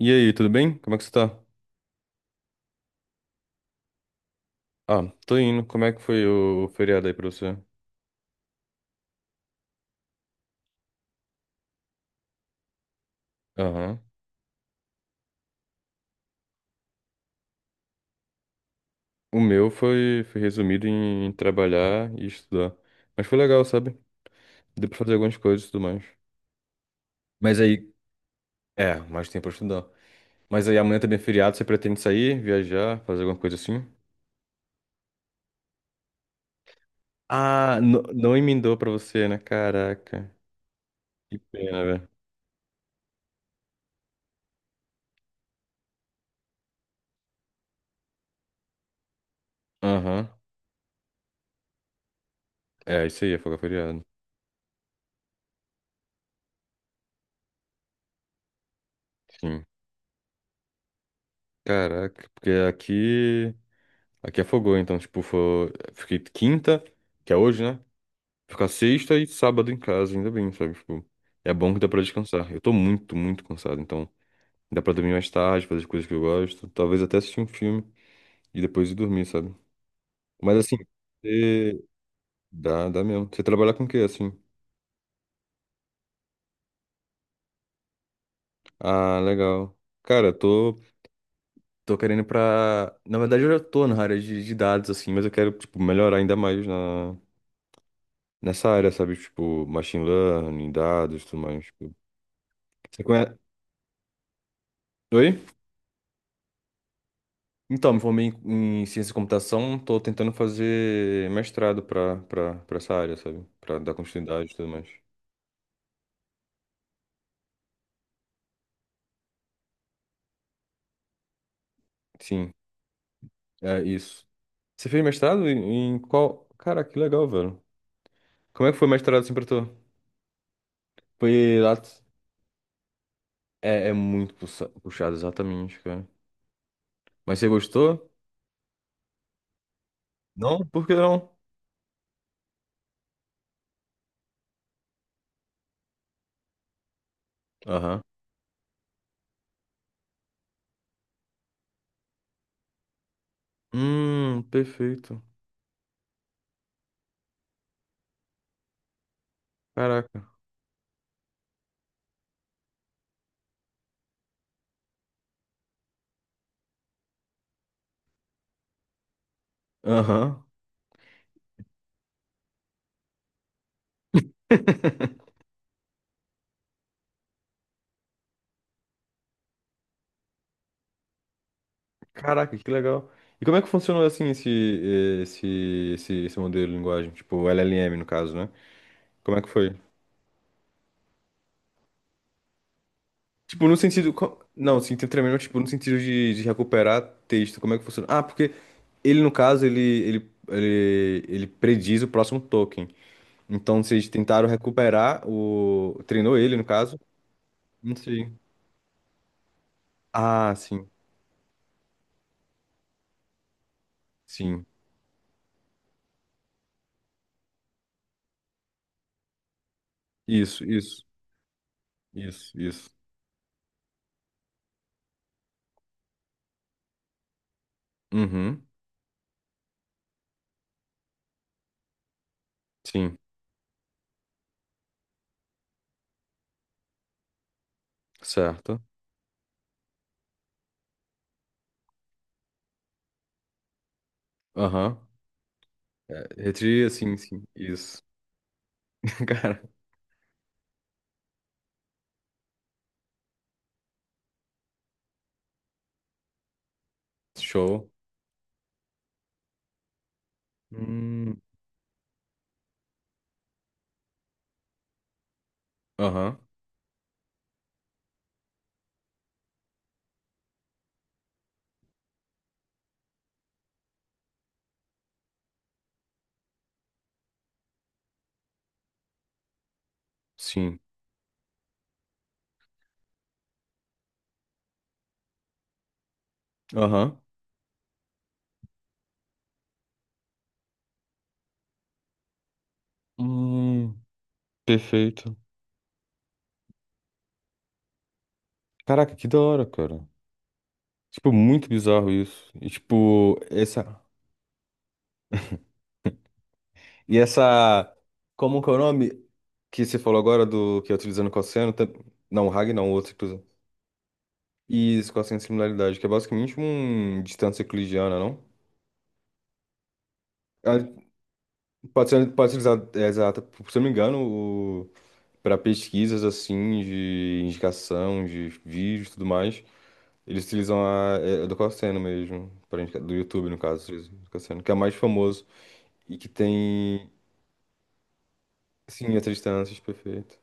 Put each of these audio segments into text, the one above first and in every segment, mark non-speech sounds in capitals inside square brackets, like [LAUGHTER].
E aí, tudo bem? Como é que você tá? Ah, tô indo. Como é que foi o feriado aí pra você? Aham. O meu foi resumido em trabalhar e estudar. Mas foi legal, sabe? Deu pra fazer algumas coisas e tudo mais. Mas aí, é, mais tempo pra estudar. Mas aí amanhã também é feriado, você pretende sair, viajar, fazer alguma coisa assim? Ah, não emendou pra você, né? Caraca. Que pena, velho. Aham. É, isso aí, é folga feriado. Sim. Caraca, porque aqui. Aqui afogou, então, tipo, fiquei quinta, que é hoje, né? Ficar sexta e sábado em casa, ainda bem, sabe? Tipo, é bom que dá pra descansar. Eu tô muito, muito cansado, então dá pra dormir mais tarde, fazer as coisas que eu gosto, talvez até assistir um filme e depois ir dormir, sabe? Mas assim, você... dá mesmo. Você trabalha com o quê, assim? Ah, legal. Cara, eu tô querendo ir pra. Na verdade, eu já tô na área de dados, assim, mas eu quero, tipo, melhorar ainda mais nessa área, sabe? Tipo, machine learning, dados, tudo mais. Tipo, Você conhece... Oi? Então, me formei em ciência da computação, tô tentando fazer mestrado pra essa área, sabe? Pra dar continuidade e tudo mais. Sim, é isso. Você fez mestrado em Cara, que legal, velho. Como é que foi o mestrado assim pra tu? Foi lá... é muito puxado, exatamente, cara. Mas você gostou? Não? Por que não? Aham. Perfeito. Caraca. Aham. [LAUGHS] Caraca, que legal. E como é que funcionou assim esse, esse modelo de linguagem? Tipo, LLM, no caso, né? Como é que foi? Tipo, no sentido. Não, sim, tem treinamento, tipo, no sentido de recuperar texto. Como é que funciona? Ah, porque ele, no caso, ele prediz o próximo token. Então, vocês tentaram recuperar o. Treinou ele, no caso? Não sei. Ah, sim, sim. Isso, isso, isso, isso. Uhum, sim, certo. Aham. Assim, sim. Isso. [LAUGHS] Cara, show. Hum, Aham. Sim. Aham. Hum, perfeito. Caraca, que da hora, cara. Tipo, muito bizarro isso. E, tipo, essa. E essa. Como que é o nome que você falou agora do que é utilizando cosseno? Não, Hag não, outro. Inclusive. E isso, cosseno de similaridade, que é basicamente um distância euclidiana, não? Ah, Pode ser usado, é, exato. Se eu não me engano, para pesquisas assim, de indicação, de vídeos e tudo mais, eles utilizam do Cassino mesmo, do YouTube, no caso, do Cassino, que é o mais famoso e que tem, sim, essas distâncias, perfeito.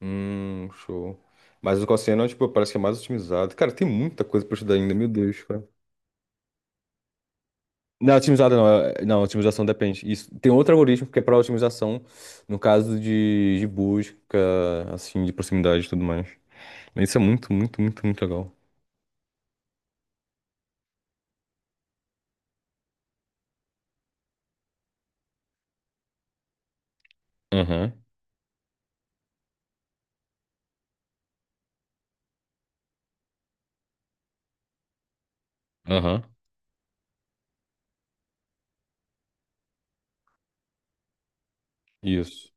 Show. Mas o Cassino, tipo, parece que é mais otimizado. Cara, tem muita coisa pra estudar ainda, meu Deus. Não, otimizada não. Não, otimização depende. Isso, tem outro algoritmo que é para otimização, no caso de busca, assim, de proximidade e tudo mais. Mas isso é muito, muito, muito, muito legal. Aham, aham. Isso.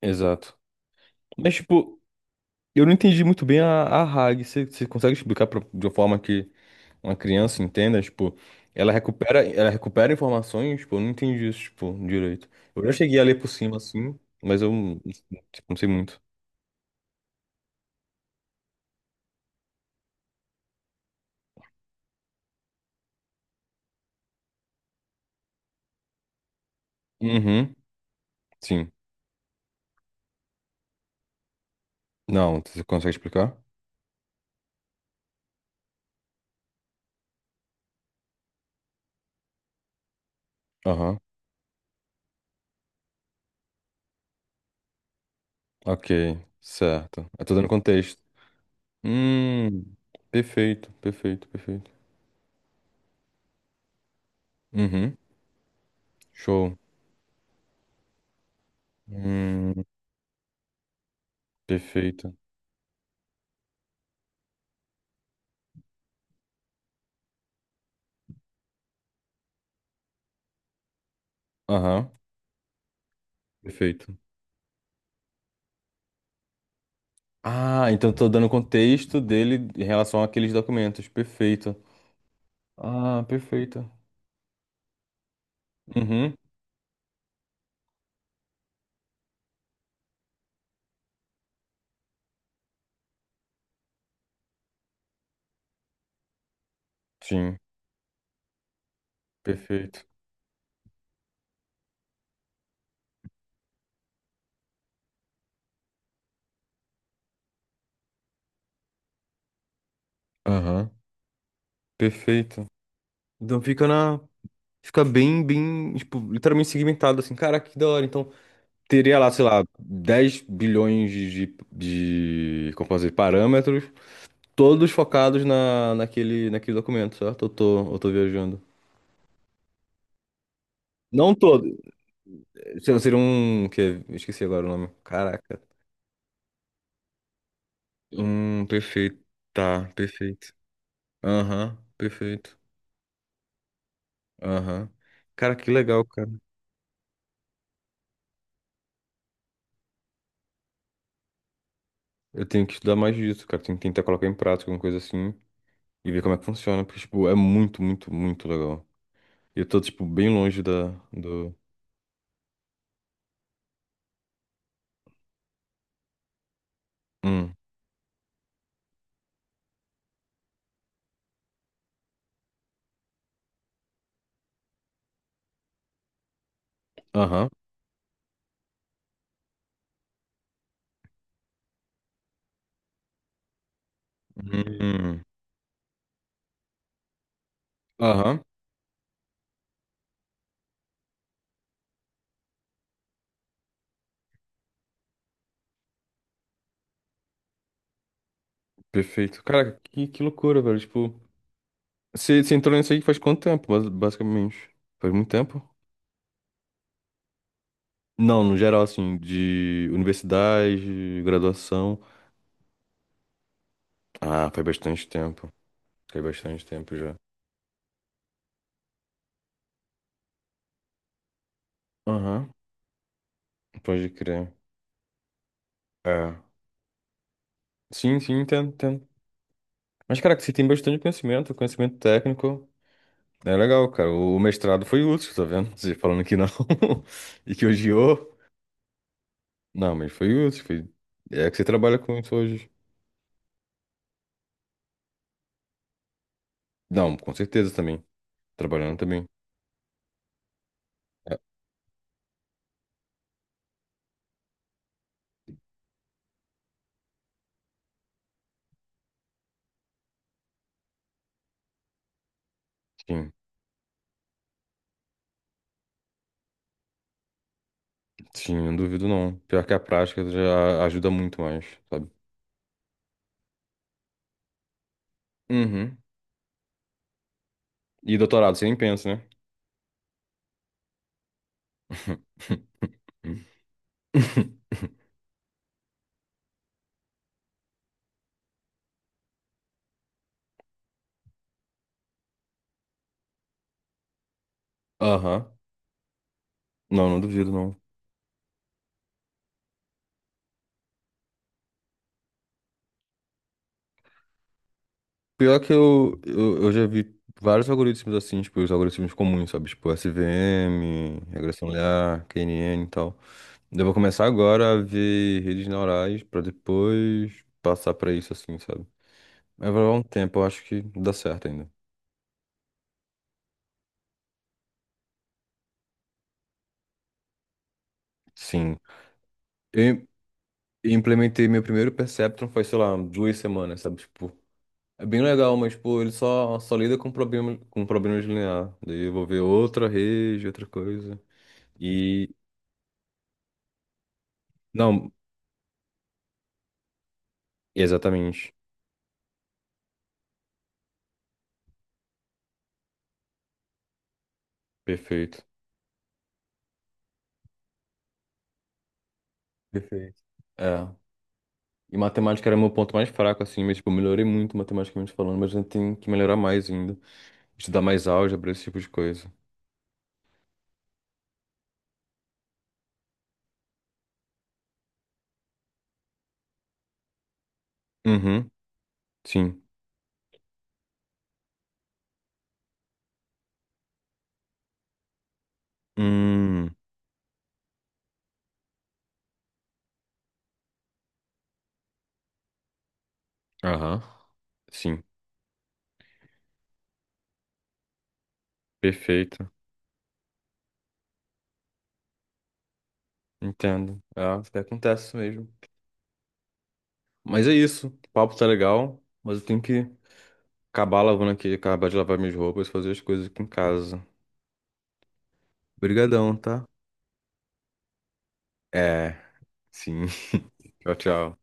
Exato. Mas, tipo, eu não entendi muito bem a RAG. Você consegue explicar de uma forma que uma criança entenda? Tipo, ela recupera informações? Tipo, eu não entendi isso, tipo, direito. Eu já cheguei a ler por cima, assim, mas eu tipo, não sei muito. Uhum, sim. Não, você consegue explicar? Aham, ok, certo. Eu tô dando contexto. Hum, perfeito, perfeito, perfeito. Uhum, show. Hum, perfeito. Aham, perfeito. Ah, então eu tô dando contexto dele em relação àqueles documentos. Perfeito. Ah, perfeito. Uhum, sim, perfeito. Aham, perfeito. Então fica na. Fica bem, bem, tipo, literalmente segmentado assim. Cara, que da hora. Então. Teria lá, sei lá, 10 bilhões de, como posso dizer, parâmetros, todos focados naquele documento, certo? Eu tô viajando. Não todo. Seria um, que, esqueci agora o nome. Caraca. Um, perfeito. Tá, perfeito. Aham, perfeito. Aham. Cara, que legal, cara. Eu tenho que estudar mais disso, cara. Tenho que tentar colocar em prática alguma coisa assim e ver como é que funciona, porque, tipo, é muito, muito, muito legal. E eu tô, tipo, bem longe do... Hum. Aham. Hum. Aham, perfeito. Cara, que loucura, velho. Tipo, você entrou nisso aí faz quanto tempo, basicamente? Faz muito tempo? Não, no geral, assim, de universidade, graduação. Ah, faz bastante tempo. Faz bastante tempo já. Aham, pode crer. É. Sim, sim, entendo, entendo. Mas, cara, que você tem bastante conhecimento, conhecimento técnico. É legal, cara. O mestrado foi útil, tá vendo? Você falando que não [LAUGHS] e que odiou. Não, mas foi útil. É que você trabalha com isso hoje. Não, com certeza também. Trabalhando também. É, sim, sim, não duvido não. Pior que a prática já ajuda muito mais, sabe? Uhum. E doutorado, você nem pensa, né? [LAUGHS] Aham. Não, não duvido não. Pior que eu já vi vários algoritmos assim, tipo, os algoritmos comuns, sabe? Tipo, SVM, regressão linear, KNN e tal. Eu vou começar agora a ver redes neurais pra depois passar pra isso assim, sabe? Mas vai levar um tempo, eu acho que dá certo ainda. Sim, eu implementei meu primeiro Perceptron faz, sei lá, 2 semanas, sabe? Tipo, é bem legal, mas, pô, ele só lida com problemas lineares. Daí eu vou ver outra rede, outra coisa. E. Não, exatamente. Perfeito. Perfeito. É. E matemática era meu ponto mais fraco, assim, mas, tipo, eu melhorei muito matematicamente falando, mas ainda tem que melhorar mais ainda. Estudar mais álgebra, esse tipo de coisa. Uhum, sim. Hum, aham, sim. Perfeito. Entendo. É, isso que acontece mesmo. Mas é isso. O papo tá legal, mas eu tenho que acabar lavando aqui, acabar de lavar minhas roupas, fazer as coisas aqui em casa. Obrigadão, tá? É, sim. [LAUGHS] Tchau, tchau.